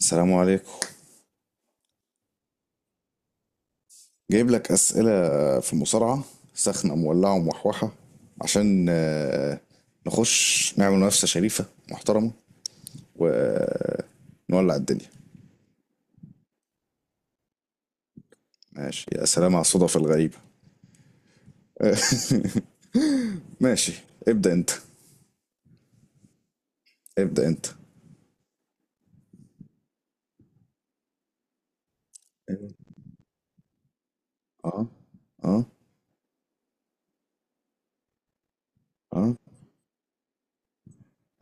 السلام عليكم. جايب لك أسئلة في المصارعة سخنة مولعة ومحوحة عشان نخش نعمل منافسة شريفة محترمة ونولع الدنيا. ماشي، يا سلام على الصدف الغريبة. ماشي، ابدأ انت، ابدأ انت. اه، اه، اه،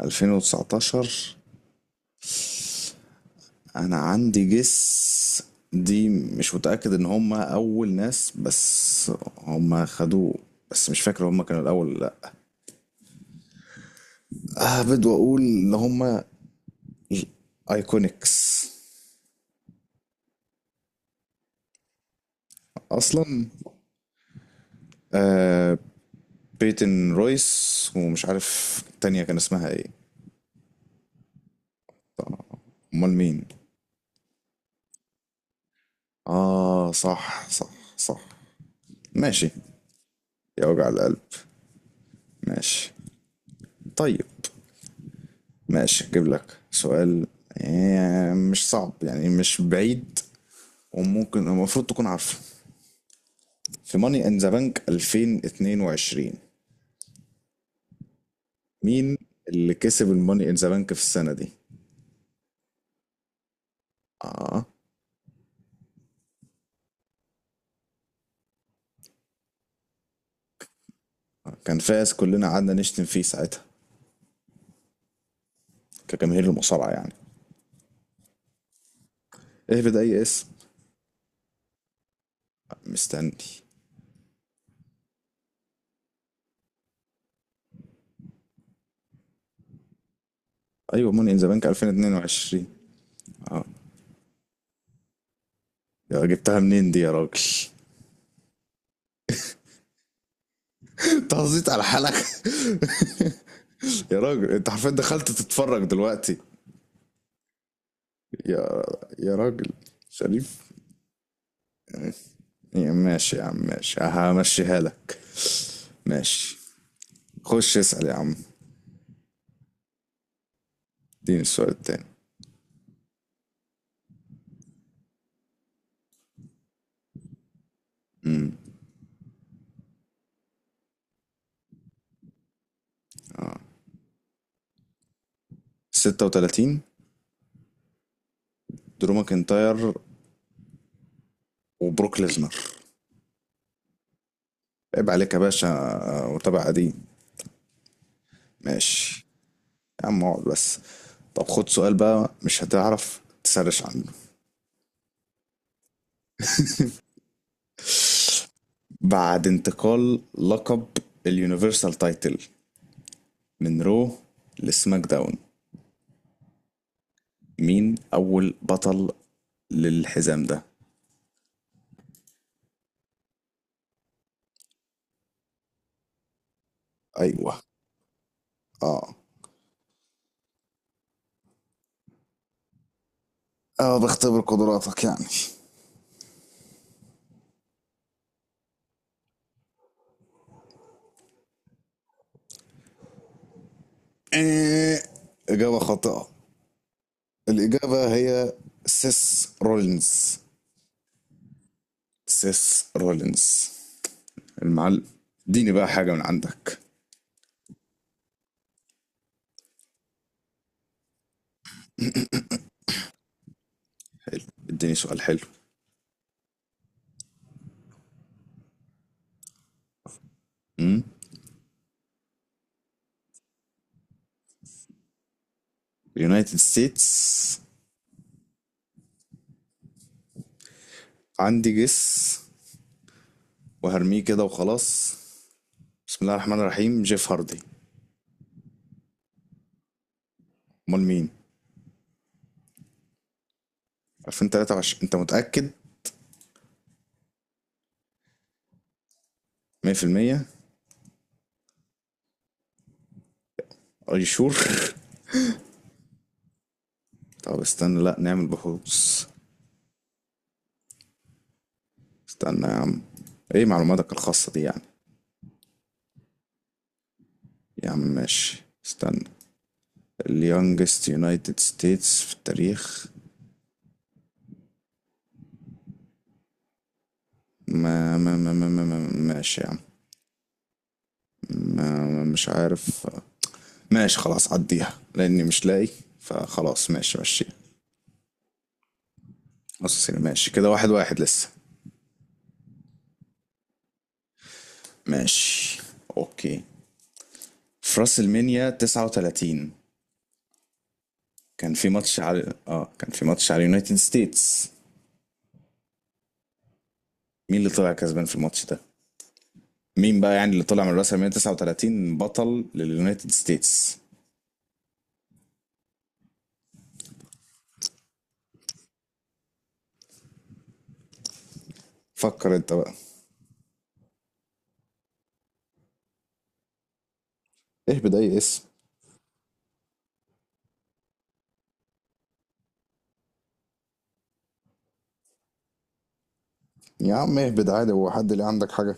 2019. انا عندي جس دي، مش متأكد ان هم اول ناس بس هم خدوه، بس مش فاكر هم كانوا الاول ولا لا. اهبد واقول ان هما ايكونكس اصلا. آه، بيتن رويس ومش عارف التانية كان اسمها ايه. امال مين؟ اه، صح صح صح. ماشي، يا وجع القلب. ماشي، طيب. ماشي، اجيب لك سؤال. مش صعب يعني، مش بعيد، وممكن المفروض تكون عارفه. في ماني ان ذا بانك 2022، مين اللي كسب الماني ان ذا بانك في السنة دي؟ اه، كان فاز كلنا قعدنا نشتم فيه ساعتها، كجماهير المصارعة يعني. اهبد اي اسم. مستني. ايوه، موني ان ذا بانك 2022. اه، يا جبتها منين دي يا راجل! انت هزيت على حالك. يا راجل، انت حرفيا دخلت تتفرج دلوقتي. يا يا راجل، شريف، يا ماشي يا عم، ماشي، همشيها لك. ماشي، خش اسأل يا عم. اديني السؤال التاني. امم، 36، درو ماكنتاير وبروك ليزنر. عيب عليك يا باشا. متابع قديم. ماشي يا عم، اقعد بس. طب خد سؤال بقى مش هتعرف تسرش عنه. بعد انتقال لقب اليونيفرسال تايتل من رو لسماك داون، مين اول بطل للحزام ده؟ ايوه. اه اه، بختبر قدراتك يعني. إيه، اجابه خاطئه. الاجابه هي سيس رولينز. سيس رولينز المعلم. اديني بقى حاجة من عندك. اديني سؤال حلو. امم، اليونايتد ستيتس. عندي جس وهرميه كده وخلاص. بسم الله الرحمن الرحيم، جيف هاردي. امال مين؟ 2023؟ انت متأكد 100%؟ ار يو شور؟ طب استنى، لا نعمل بحوث. استنى يا عم، ايه معلوماتك الخاصة دي يعني؟ يا عم ماشي، استنى. اليونجست يونايتد ستيتس في التاريخ. ماشي يا عم. مش عارف، ماشي خلاص، عديها لاني مش لاقي، فخلاص ماشي ماشي. اساسين، ماشي كده، واحد واحد لسه. ماشي، اوكي. في راس المنيا 39، كان في ماتش على اه، كان في ماتش على يونايتد ستيتس، مين اللي طلع كسبان في الماتش ده؟ مين بقى يعني اللي طلع من راس المنيا 39 بطل لليونايتد ستيتس؟ فكر انت بقى. اهبد اي اسم، يا عم اهبد عادي، هو حد اللي عندك حاجة؟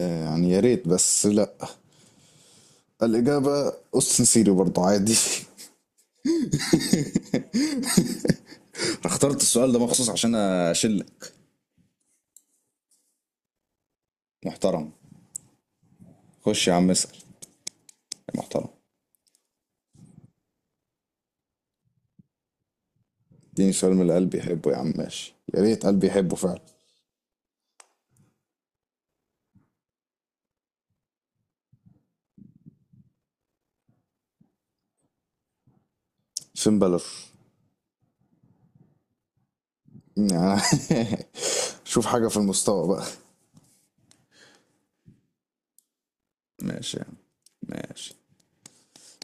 آه، يعني يا ريت، بس لا. الإجابة أوستن سيري برضه، عادي. أنا اخترت السؤال ده مخصوص عشان اشلك، محترم. خش يا عم اسأل، يا محترم. اديني سؤال من اللي قلبي يحبه يا عم، ماشي، يا ريت قلبي يحبه فعلا. فين بلر. شوف حاجة في المستوى بقى. ماشي يا عم، ماشي.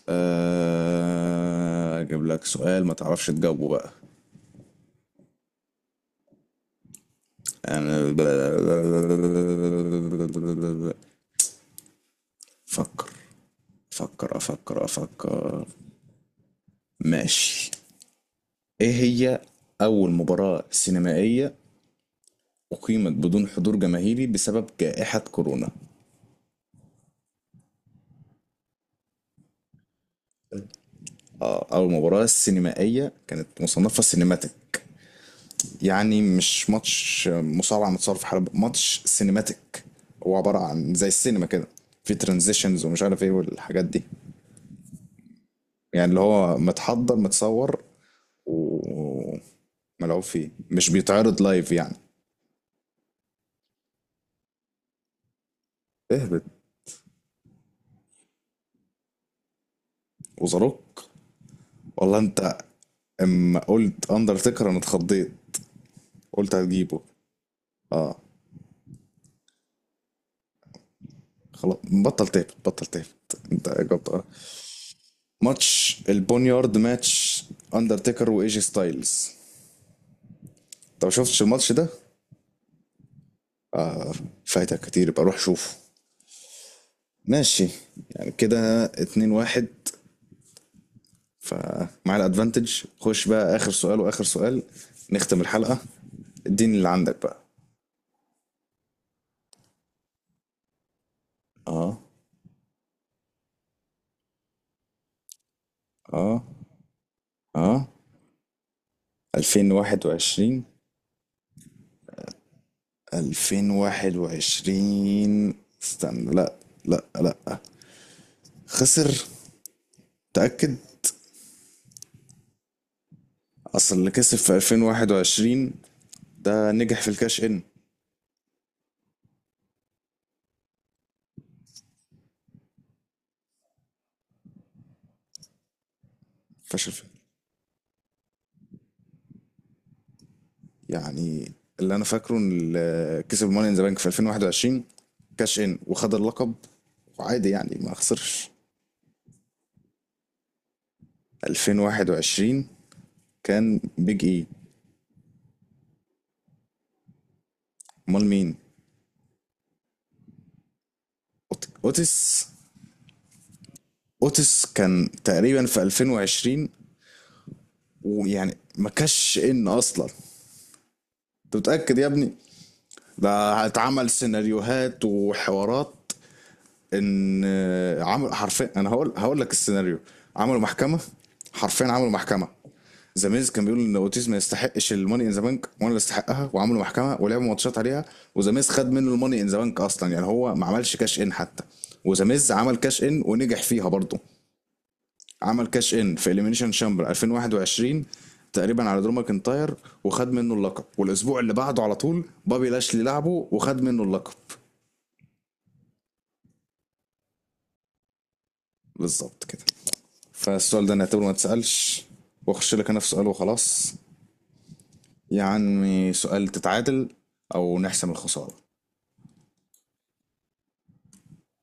اجيب لك سؤال ما تعرفش تجاوبه بقى. انا فكر، فكر، افكر افكر. ماشي. ايه هي اول مباراة سينمائية أقيمت بدون حضور جماهيري بسبب جائحة كورونا؟ أو المباراة السينمائية كانت مصنفة سينماتيك. يعني مش ماتش مصارعة متصور في حلبة، ماتش سينماتيك، هو عبارة عن زي السينما كده، في ترانزيشنز ومش عارف ايه والحاجات دي. يعني اللي هو متحضر، متصور وملعوب فيه، مش بيتعرض لايف يعني. اهبط. وزاروك، والله انت. اما قلت اندرتيكر انا اتخضيت، قلت هتجيبه. اه، خلاص. بطل تاب، بطل تاب. انت جبت ماتش البونيارد، ماتش اندرتيكر وايجي ستايلز. انت ما شفتش الماتش ده؟ فايتك كتير، يبقى روح شوفه. ماشي. يعني كده اتنين واحد، فمع الادفانتج خش بقى اخر سؤال، واخر سؤال نختم الحلقة. اديني اللي عندك بقى. اه، اه، اه، 2021. 2021، استنى، لا لا لا، خسر، تأكد. اصل اللي كسب في 2021 ده نجح في الكاش ان. فشل في يعني اللي انا فاكره ان اللي كسب ماني ان ذا بانك في 2021 كاش ان وخد اللقب، وعادي يعني ما خسرش. 2021، كان بيج اي. امال مين؟ اوتس. اوتس كان تقريبا في 2020، ويعني ما كاش ان اصلا. انت متاكد يا ابني؟ ده اتعمل سيناريوهات وحوارات ان عمل حرفيا، انا هقول لك السيناريو. عملوا محكمه، حرفيا عملوا محكمه. زاميز كان بيقول ان اوتيز ما يستحقش الماني ان ذا بانك، وانا اللي استحقها، وعملوا محكمه ولعبوا ماتشات عليها. وزاميز خد منه الماني ان ذا بانك اصلا، يعني هو ما عملش كاش ان حتى. وزاميز عمل كاش ان ونجح فيها برضه. عمل كاش ان في اليمينيشن شامبر 2021 تقريبا على درو ماكنتاير، وخد منه اللقب، والاسبوع اللي بعده على طول بابي لاشلي لعبه وخد منه اللقب. بالظبط كده. فالسؤال ده نعتبره ما اتسألش، واخش لك انا في سؤال وخلاص. يا عمي، سؤال تتعادل او نحسم الخسارة.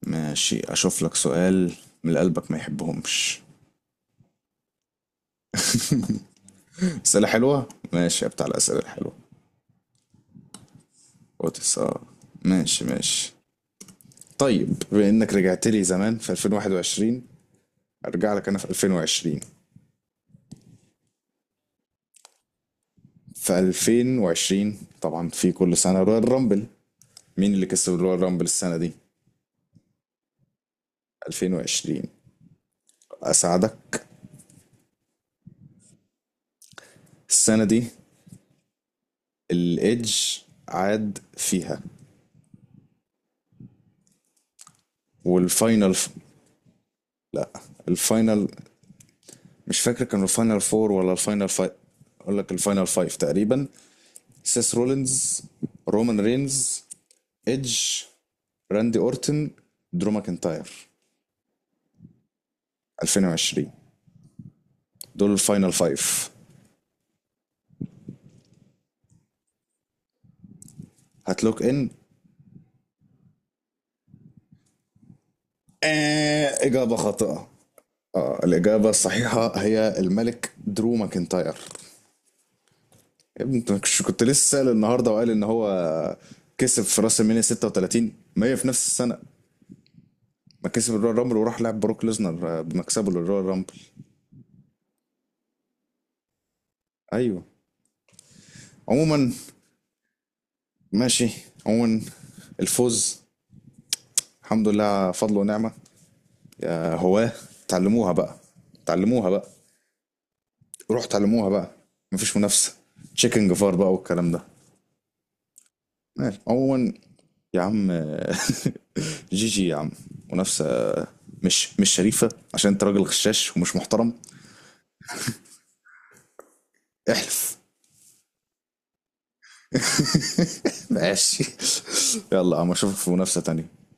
ماشي، اشوف لك سؤال من اللي قلبك ما يحبهمش. اسئلة حلوة؟ ماشي، يا بتاع الاسئلة الحلوة. اوتس؟ اه، ماشي ماشي. طيب بما انك رجعت لي زمان في 2021، ارجع لك انا في 2020. في 2020 طبعا في كل سنة رويال رامبل، مين اللي كسب رويال رامبل السنة دي، 2020؟ اساعدك. السنة دي الايدج عاد فيها، والفاينل لا، الفاينل، مش فاكر كانوا الفاينل فور ولا الفاينل فايف، اقول لك الفاينل فايف تقريبا: سيس رولينز، رومان رينز، ايدج، راندي اورتن، درو ماكنتاير. 2020. دول الفاينل فايف. هتلوك ان. آه، اجابه خاطئه. اه، الاجابه الصحيحه هي الملك درو ماكنتاير. يا ابني انت مش كنت لسه سأل النهارده وقال ان هو كسب في راس المينيا 36؟ ما هي في نفس السنه ما كسب الرويال رامبل، وراح لعب بروك ليزنر بمكسبه للرويال رامبل. ايوه، عموما. ماشي، عموما، الفوز الحمد لله فضل ونعمه. هواه. تعلموها بقى، تعلموها بقى. روح تعلموها بقى، مفيش منافسه، تشيكن جفار بقى والكلام ده. ماشي، عموما، يا عم. جي جي يا عم. منافسة مش شريفة، عشان انت راجل غشاش ومش محترم. احلف. ماشي. يلا يا عم، اشوفك في منافسة تانية.